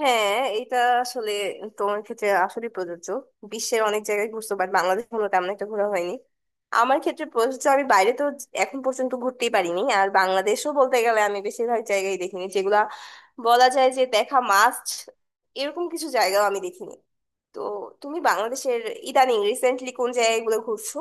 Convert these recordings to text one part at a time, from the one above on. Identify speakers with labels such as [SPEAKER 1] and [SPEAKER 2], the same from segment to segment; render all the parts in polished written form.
[SPEAKER 1] হ্যাঁ, এটা আসলে তোমার ক্ষেত্রে আসলে প্রযোজ্য। বিশ্বের অনেক জায়গায় ঘুরছো বাট বাংলাদেশ কোনো তেমন একটা ঘোরা হয়নি। আমার ক্ষেত্রে প্রযোজ্য আমি বাইরে তো এখন পর্যন্ত ঘুরতেই পারিনি, আর বাংলাদেশও বলতে গেলে আমি বেশিরভাগ জায়গায় দেখিনি যেগুলা বলা যায় যে দেখা মাস্ট, এরকম কিছু জায়গাও আমি দেখিনি। তো তুমি বাংলাদেশের ইদানিং রিসেন্টলি কোন জায়গাগুলো ঘুরছো?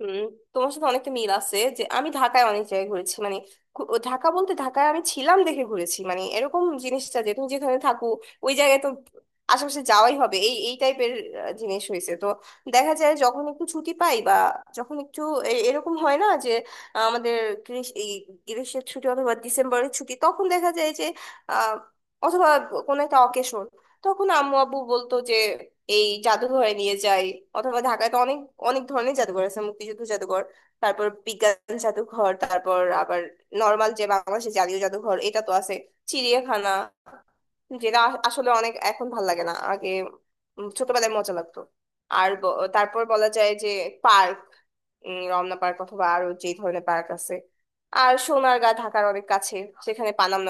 [SPEAKER 1] হুম, তোমার সাথে অনেকটা মিল আছে যে আমি ঢাকায় অনেক জায়গায় ঘুরেছি। মানে ঘু- ও ঢাকা বলতে ঢাকায় আমি ছিলাম দেখে ঘুরেছি। মানে এরকম জিনিসটা যে তুমি যেখানে থাকো ওই জায়গায় তো আশেপাশে যাওয়াই হবে, এই এই টাইপের জিনিস হয়েছে। তো দেখা যায় যখন একটু ছুটি পাই বা যখন একটু এরকম হয় না যে আমাদের এই গ্রীষ্মের ছুটি অথবা ডিসেম্বরের ছুটি, তখন দেখা যায় যে আহ অথবা কোনো একটা অকেশন, তখন আম্মু আব্বু বলতো যে এই জাদুঘরে নিয়ে যাই। অথবা ঢাকায় তো অনেক অনেক ধরনের জাদুঘর আছে। মুক্তিযুদ্ধ জাদুঘর, তারপর বিজ্ঞান জাদুঘর, তারপর আবার নর্মাল যে বাংলাদেশের জাতীয় জাদুঘর এটা তো আছে। চিড়িয়াখানা, যেটা আসলে অনেক এখন ভাল লাগে না, আগে ছোটবেলায় মজা লাগতো। আর তারপর বলা যায় যে পার্ক, রমনা পার্ক অথবা আরো যে ধরনের পার্ক আছে। আর সোনারগাঁ ঢাকার অনেক কাছে, সেখানে পানাম।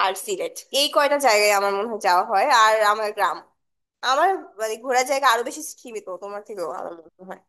[SPEAKER 1] আর সিলেট, এই কয়টা জায়গায় আমার মনে হয় যাওয়া হয়। আর আমার গ্রাম, আমার মানে ঘোরার জায়গা আরো বেশি সীমিত তোমার থেকেও আমার মনে হয়।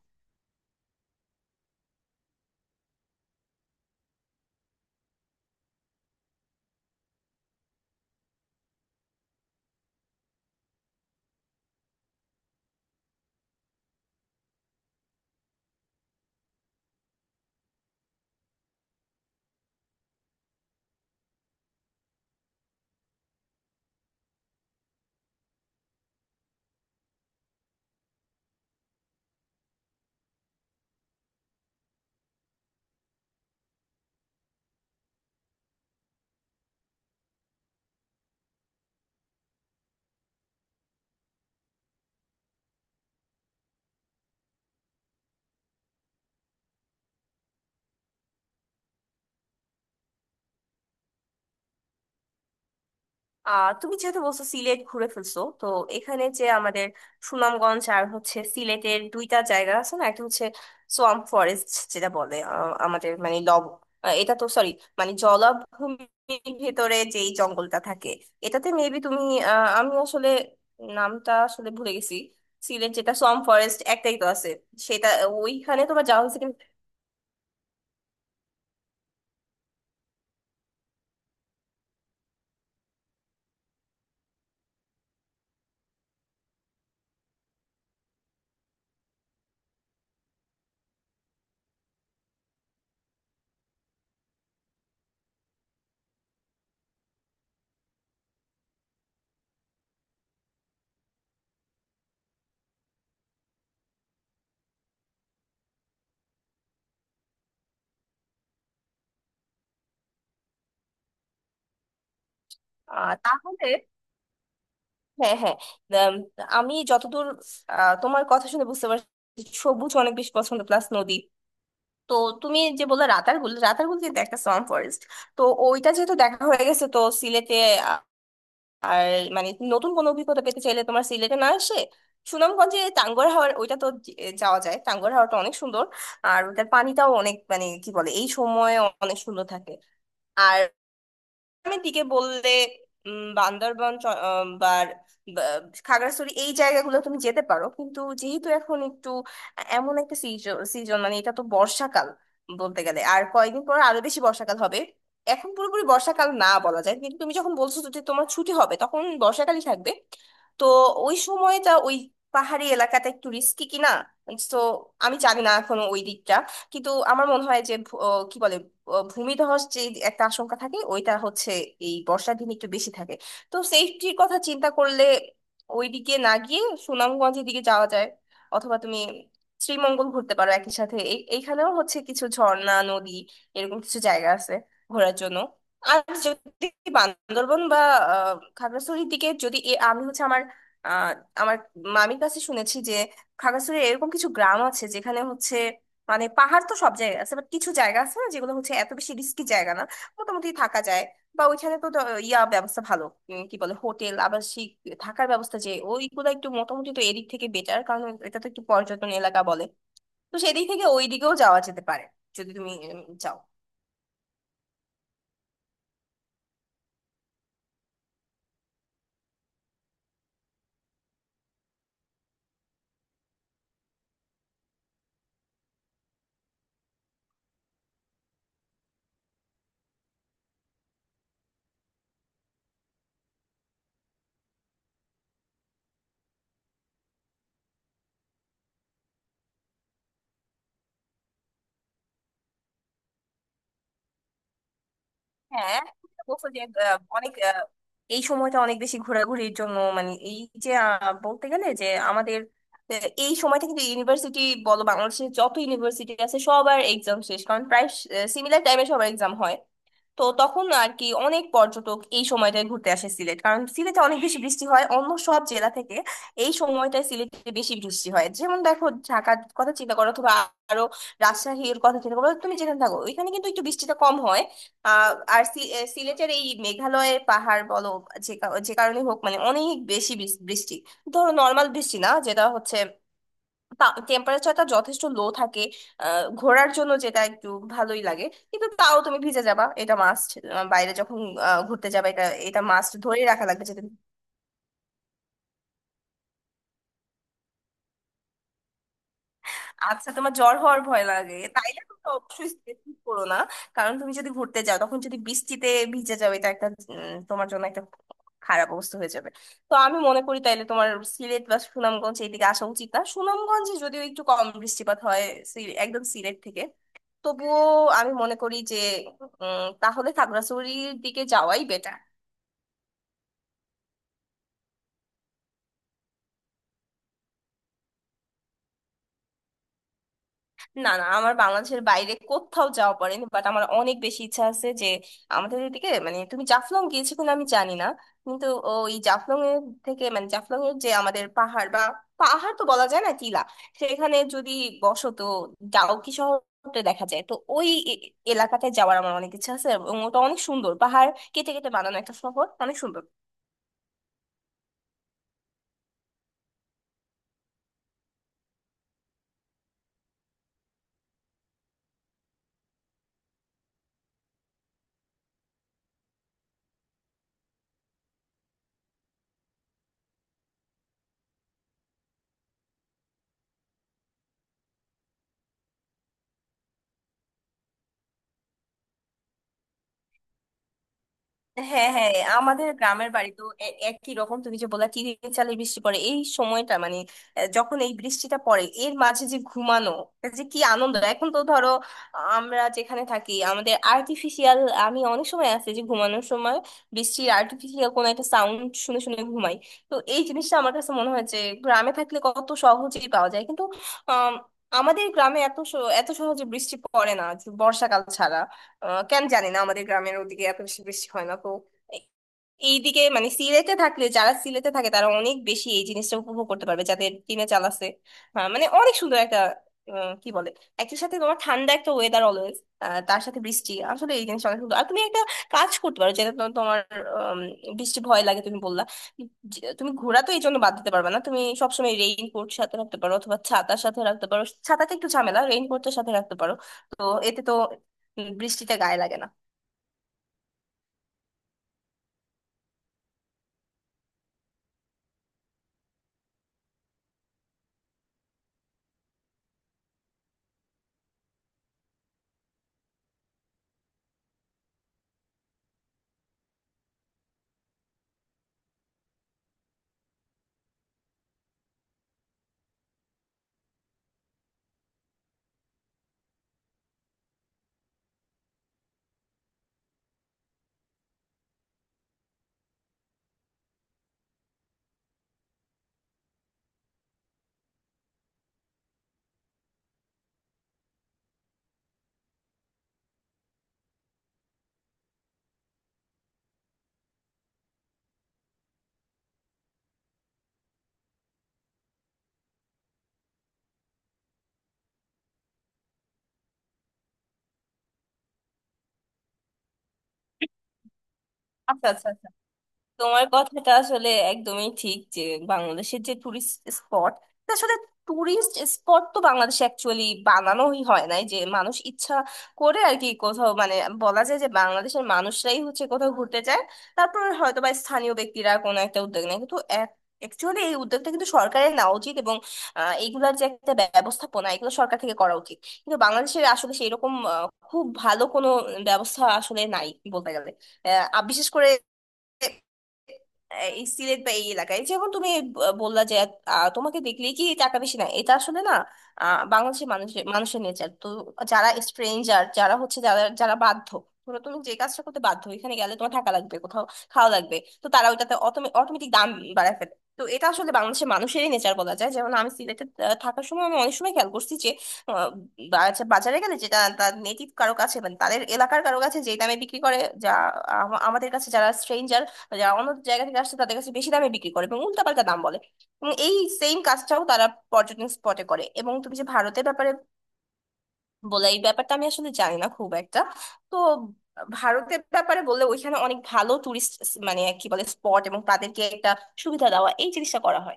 [SPEAKER 1] তুমি যেহেতু বলছো সিলেট ঘুরে ফেলছো, তো এখানে যে আমাদের সুনামগঞ্জ আর হচ্ছে সিলেটের দুইটা জায়গা আছে না, একটা হচ্ছে সোয়াম্প ফরেস্ট, যেটা বলে আমাদের মানে লব এটা তো সরি, মানে জলাভূমির ভেতরে যেই জঙ্গলটা থাকে। এটাতে মেবি তুমি আমি আসলে নামটা আসলে ভুলে গেছি। সিলেট যেটা সোয়াম্প ফরেস্ট একটাই তো আছে, সেটা ওইখানে তোমার যাওয়া হয়েছে কিনা? তাহলে হ্যাঁ, হ্যাঁ। উম, আমি যতদূর তোমার কথা শুনে বুঝতে পারছি সবুজ অনেক বেশি পছন্দ প্লাস নদী। তো তুমি যে বললে রাতারগুল, রাতারগুল কিন্তু একটা সোয়াম্প ফরেস্ট, তো ওইটা যেহেতু দেখা হয়ে গেছে তো সিলেটে আ- আর মানে নতুন কোনো অভিজ্ঞতা পেতে চাইলে তোমার সিলেটে না আসে সুনামগঞ্জে টাঙ্গুয়ার হাওর ওইটা তো যাওয়া যায়। টাঙ্গুয়ার হাওরটা অনেক সুন্দর, আর ওটার পানিটাও অনেক, মানে কি বলে, এই সময়ে অনেক সুন্দর থাকে। আর গ্রামের দিকে বললে বান্দরবান বা বা খাগড়াছড়ি এই জায়গাগুলো তুমি যেতে পারো। কিন্তু যেহেতু এখন একটু এমন একটা সিজন সিজন মানে এটা তো বর্ষাকাল বলতে গেলে, আর কয়েকদিন পর আরো বেশি বর্ষাকাল হবে। এখন পুরোপুরি বর্ষাকাল না বলা যায়, কিন্তু তুমি যখন বলছো যে তোমার ছুটি হবে তখন বর্ষাকালই থাকবে। তো ওই সময়টা ওই পাহাড়ি এলাকাটা একটু রিস্কি কিনা, তো আমি জানি না এখনো ওই দিকটা। কিন্তু আমার মনে হয় যে ভু- আহ, কি বলে আহ, ভূমিধস যে একটা আশঙ্কা থাকে ওইটা হচ্ছে এই বর্ষার দিন একটু বেশি থাকে। তো সেফটির কথা চিন্তা করলে ওইদিকে না গিয়ে সুনামগঞ্জের দিকে যাওয়া যায়, অথবা তুমি শ্রীমঙ্গল ঘুরতে পারো। একই সাথে এইখানেও হচ্ছে কিছু ঝর্ণা, নদী, এরকম কিছু জায়গা আছে ঘোরার জন্য। আর যদি বান্দরবন বা খাগড়াছড়ির দিকে যদি আমি হচ্ছে আমার আহ, আমার মামির কাছে শুনেছি যে খাগড়াছড়ির এরকম কিছু গ্রাম আছে যেখানে হচ্ছে মানে পাহাড় তো সব জায়গায় আছে বাট কিছু জায়গা আছে না যেগুলো হচ্ছে এত বেশি রিস্কি জায়গা না, মোটামুটি থাকা যায়। বা ওইখানে তো ইয়া ব্যবস্থা ভালো, কি বলে হোটেল আবাসিক থাকার ব্যবস্থা, যে ওইগুলো একটু মোটামুটি তো এদিক থেকে বেটার, কারণ এটা তো একটু পর্যটন এলাকা বলে। তো সেদিক থেকে ওই দিকেও যাওয়া যেতে পারে যদি তুমি চাও। হ্যাঁ, তুমি বলছো যে এই সময়টা অনেক বেশি ঘোরাঘুরির জন্য মানে এই যে বলতে গেলে যে আমাদের এই সময়টা কিন্তু ইউনিভার্সিটি বলো, বাংলাদেশের যত ইউনিভার্সিটি আছে সবার এক্সাম শেষ, কারণ প্রায় সিমিলার টাইমে সবার এক্সাম হয়। তো তখন আর কি অনেক পর্যটক এই সময়টায় ঘুরতে আসে সিলেট, কারণ সিলেটে অনেক বেশি বৃষ্টি হয় অন্য সব জেলা থেকে। এই সময়টায় সিলেটে বেশি বৃষ্টি হয়, যেমন দেখো ঢাকার কথা চিন্তা করো অথবা আরো রাজশাহীর কথা চিন্তা করো, তুমি যেখানে থাকো ওইখানে কিন্তু একটু বৃষ্টিটা কম হয়। আর সিলেটের এই মেঘালয়ের পাহাড় বলো যে যে কারণে হোক মানে অনেক বেশি বৃষ্টি। ধরো নর্মাল বৃষ্টি না, যেটা হচ্ছে টেম্পারেচারটা যথেষ্ট লো থাকে, ঘোরার জন্য যেটা একটু ভালোই লাগে। কিন্তু তাও তুমি ভিজে যাবা, এটা মাস্ট। বাইরে যখন ঘুরতে যাবে, এটা এটা মাস্ট ধরে রাখা লাগবে যে তুমি। আচ্ছা, তোমার জ্বর হওয়ার ভয় লাগে তাইলে তুমি তো অবশ্যই স্ট্রেস করো না, কারণ তুমি যদি ঘুরতে যাও তখন যদি বৃষ্টিতে ভিজে যাও, এটা একটা তোমার জন্য একটা খারাপ অবস্থা হয়ে যাবে। তো আমি মনে করি তাইলে তোমার সিলেট বা সুনামগঞ্জ এইদিকে আসা উচিত না। সুনামগঞ্জে যদিও একটু কম বৃষ্টিপাত হয় একদম সিলেট থেকে, তবুও আমি মনে করি যে তাহলে খাগড়াছড়ির দিকে যাওয়াই বেটার। না, না, আমার বাংলাদেশের বাইরে কোথাও যাওয়া পড়েনি, বাট আমার অনেক বেশি ইচ্ছা আছে যে আমাদের এদিকে, মানে তুমি জাফলং গিয়েছো কিনা আমি জানি না। কিন্তু ওই জাফলং এর থেকে মানে জাফলং এর যে আমাদের পাহাড় বা পাহাড় তো বলা যায় না, টিলা, সেখানে যদি বসত ডাউকি শহরটা দেখা যায়, তো ওই এলাকাতে যাওয়ার আমার অনেক ইচ্ছা আছে, এবং ওটা অনেক সুন্দর পাহাড় কেটে কেটে বানানো একটা শহর, অনেক সুন্দর। হ্যাঁ, হ্যাঁ, আমাদের গ্রামের বাড়ি তো একই রকম। তুমি যে বললা চিড়ির চালে বৃষ্টি পড়ে এই সময়টা মানে যখন এই বৃষ্টিটা পড়ে এর মাঝে যে ঘুমানো, এটা যে কি আনন্দ। এখন তো ধরো আমরা যেখানে থাকি আমাদের আর্টিফিশিয়াল, আমি অনেক সময় আছে যে ঘুমানোর সময় বৃষ্টির আর্টিফিশিয়াল কোনো একটা সাউন্ড শুনে শুনে ঘুমাই। তো এই জিনিসটা আমার কাছে মনে হয় যে গ্রামে থাকলে কত সহজেই পাওয়া যায়, কিন্তু আম, আমাদের গ্রামে এত এত সহজে বৃষ্টি পড়ে না বর্ষাকাল ছাড়া। কেন জানি না আমাদের গ্রামের ওদিকে এত বেশি বৃষ্টি হয় না। তো এ- এইদিকে মানে সিলেটে থাকলে, যারা সিলেটে থাকে তারা অনেক বেশি এই জিনিসটা উপভোগ করতে পারবে যাদের টিনে চাল আছে। হ্যাঁ, মানে অনেক সুন্দর একটা কি বলে একই সাথে তোমার ঠান্ডা একটা ওয়েদার অলওয়েজ, তার সাথে বৃষ্টি, আসলে এই জিনিসটা অনেক সুন্দর। আর তুমি একটা কাজ করতে পারো, যেটা তোমার আম, বৃষ্টি ভয় লাগে তুমি বললা, যে তুমি ঘোরা তো এই জন্য বাদ দিতে পারবে না, তুমি সবসময় রেইনকোট সাথে রাখতে পারো অথবা ছাতার সাথে রাখতে পারো। ছাতাটা একটু ঝামেলা, রেইনকোটের সাথে রাখতে পারো। তো এতে তো বৃষ্টিতে গায়ে লাগে না। আচ্ছা, আচ্ছা, আচ্ছা। তোমার কথাটা আসলে একদমই ঠিক যে বাংলাদেশের যে টুরিস্ট স্পট, আসলে টুরিস্ট স্পট তো বাংলাদেশে অ্যাকচুয়ালি বানানোই হয় নাই, যে মানুষ ইচ্ছা করে আর কি কোথাও, মানে বলা যায় যে বাংলাদেশের মানুষরাই হচ্ছে কোথাও ঘুরতে যায়, তারপর হয়তো বা স্থানীয় ব্যক্তিরা কোনো একটা উদ্যোগ নেয়। কিন্তু অ্যাকচুয়ালি এই উদ্যোগটা কিন্তু সরকারের নেওয়া উচিত, এবং এইগুলার যে একটা ব্যবস্থাপনা এগুলো সরকার থেকে করা উচিত। কিন্তু বাংলাদেশের আসলে সেই রকম খুব ভালো কোনো ব্যবস্থা আসলে নাই বলতে গেলে। আর বিশেষ করে এই সিলেট বা এই এলাকায় যেমন তুমি বললা যে তোমাকে দেখলেই কি টাকা বেশি, না এটা আসলে না। বাংলাদেশের মানুষের মানুষের নেচার তো যারা স্ট্রেঞ্জার, যারা হচ্ছে যারা যারা বাধ্য, ধরো তুমি যে কাজটা করতে বাধ্য এখানে গেলে তোমার টাকা লাগবে, কোথাও খাওয়া লাগবে, তো তারা ওইটাতে অটোমেটিক দাম বাড়ায় ফেলে। তো এটা আসলে বাংলাদেশের মানুষেরই নেচার বলা যায়। যেমন আমি সিলেটে থাকার সময় আমি অনেক সময় খেয়াল করছি যে আহ, বাজারে গেলে যেটা তার নেটিভ কারো কাছে মানে তাদের এলাকার কারো কাছে যে দামে বিক্রি করে, যা আমাদের কাছে যারা স্ট্রেঞ্জার, যারা অন্য জায়গা থেকে আসছে, তাদের কাছে বেশি দামে বিক্রি করে এবং উল্টাপাল্টা দাম বলে। এবং এই সেম কাজটাও তারা পর্যটন স্পটে করে। এবং তুমি যে ভারতের ব্যাপারে বলে, এই ব্যাপারটা আমি আসলে জানি না খুব একটা। তো ভারতের ব্যাপারে বললে ওইখানে অনেক ভালো টুরিস্ট মানে কি বলে স্পট, এবং তাদেরকে একটা সুবিধা দেওয়া এই জিনিসটা করা হয়।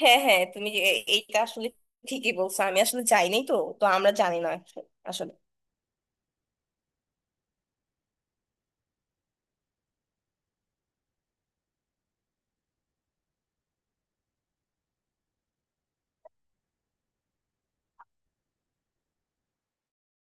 [SPEAKER 1] হ্যাঁ, হ্যাঁ, তুমি এইটা আসলে ঠিকই বলছো, আমি আসলে যাই নাই তো, তো আমরা জানি না আসলে।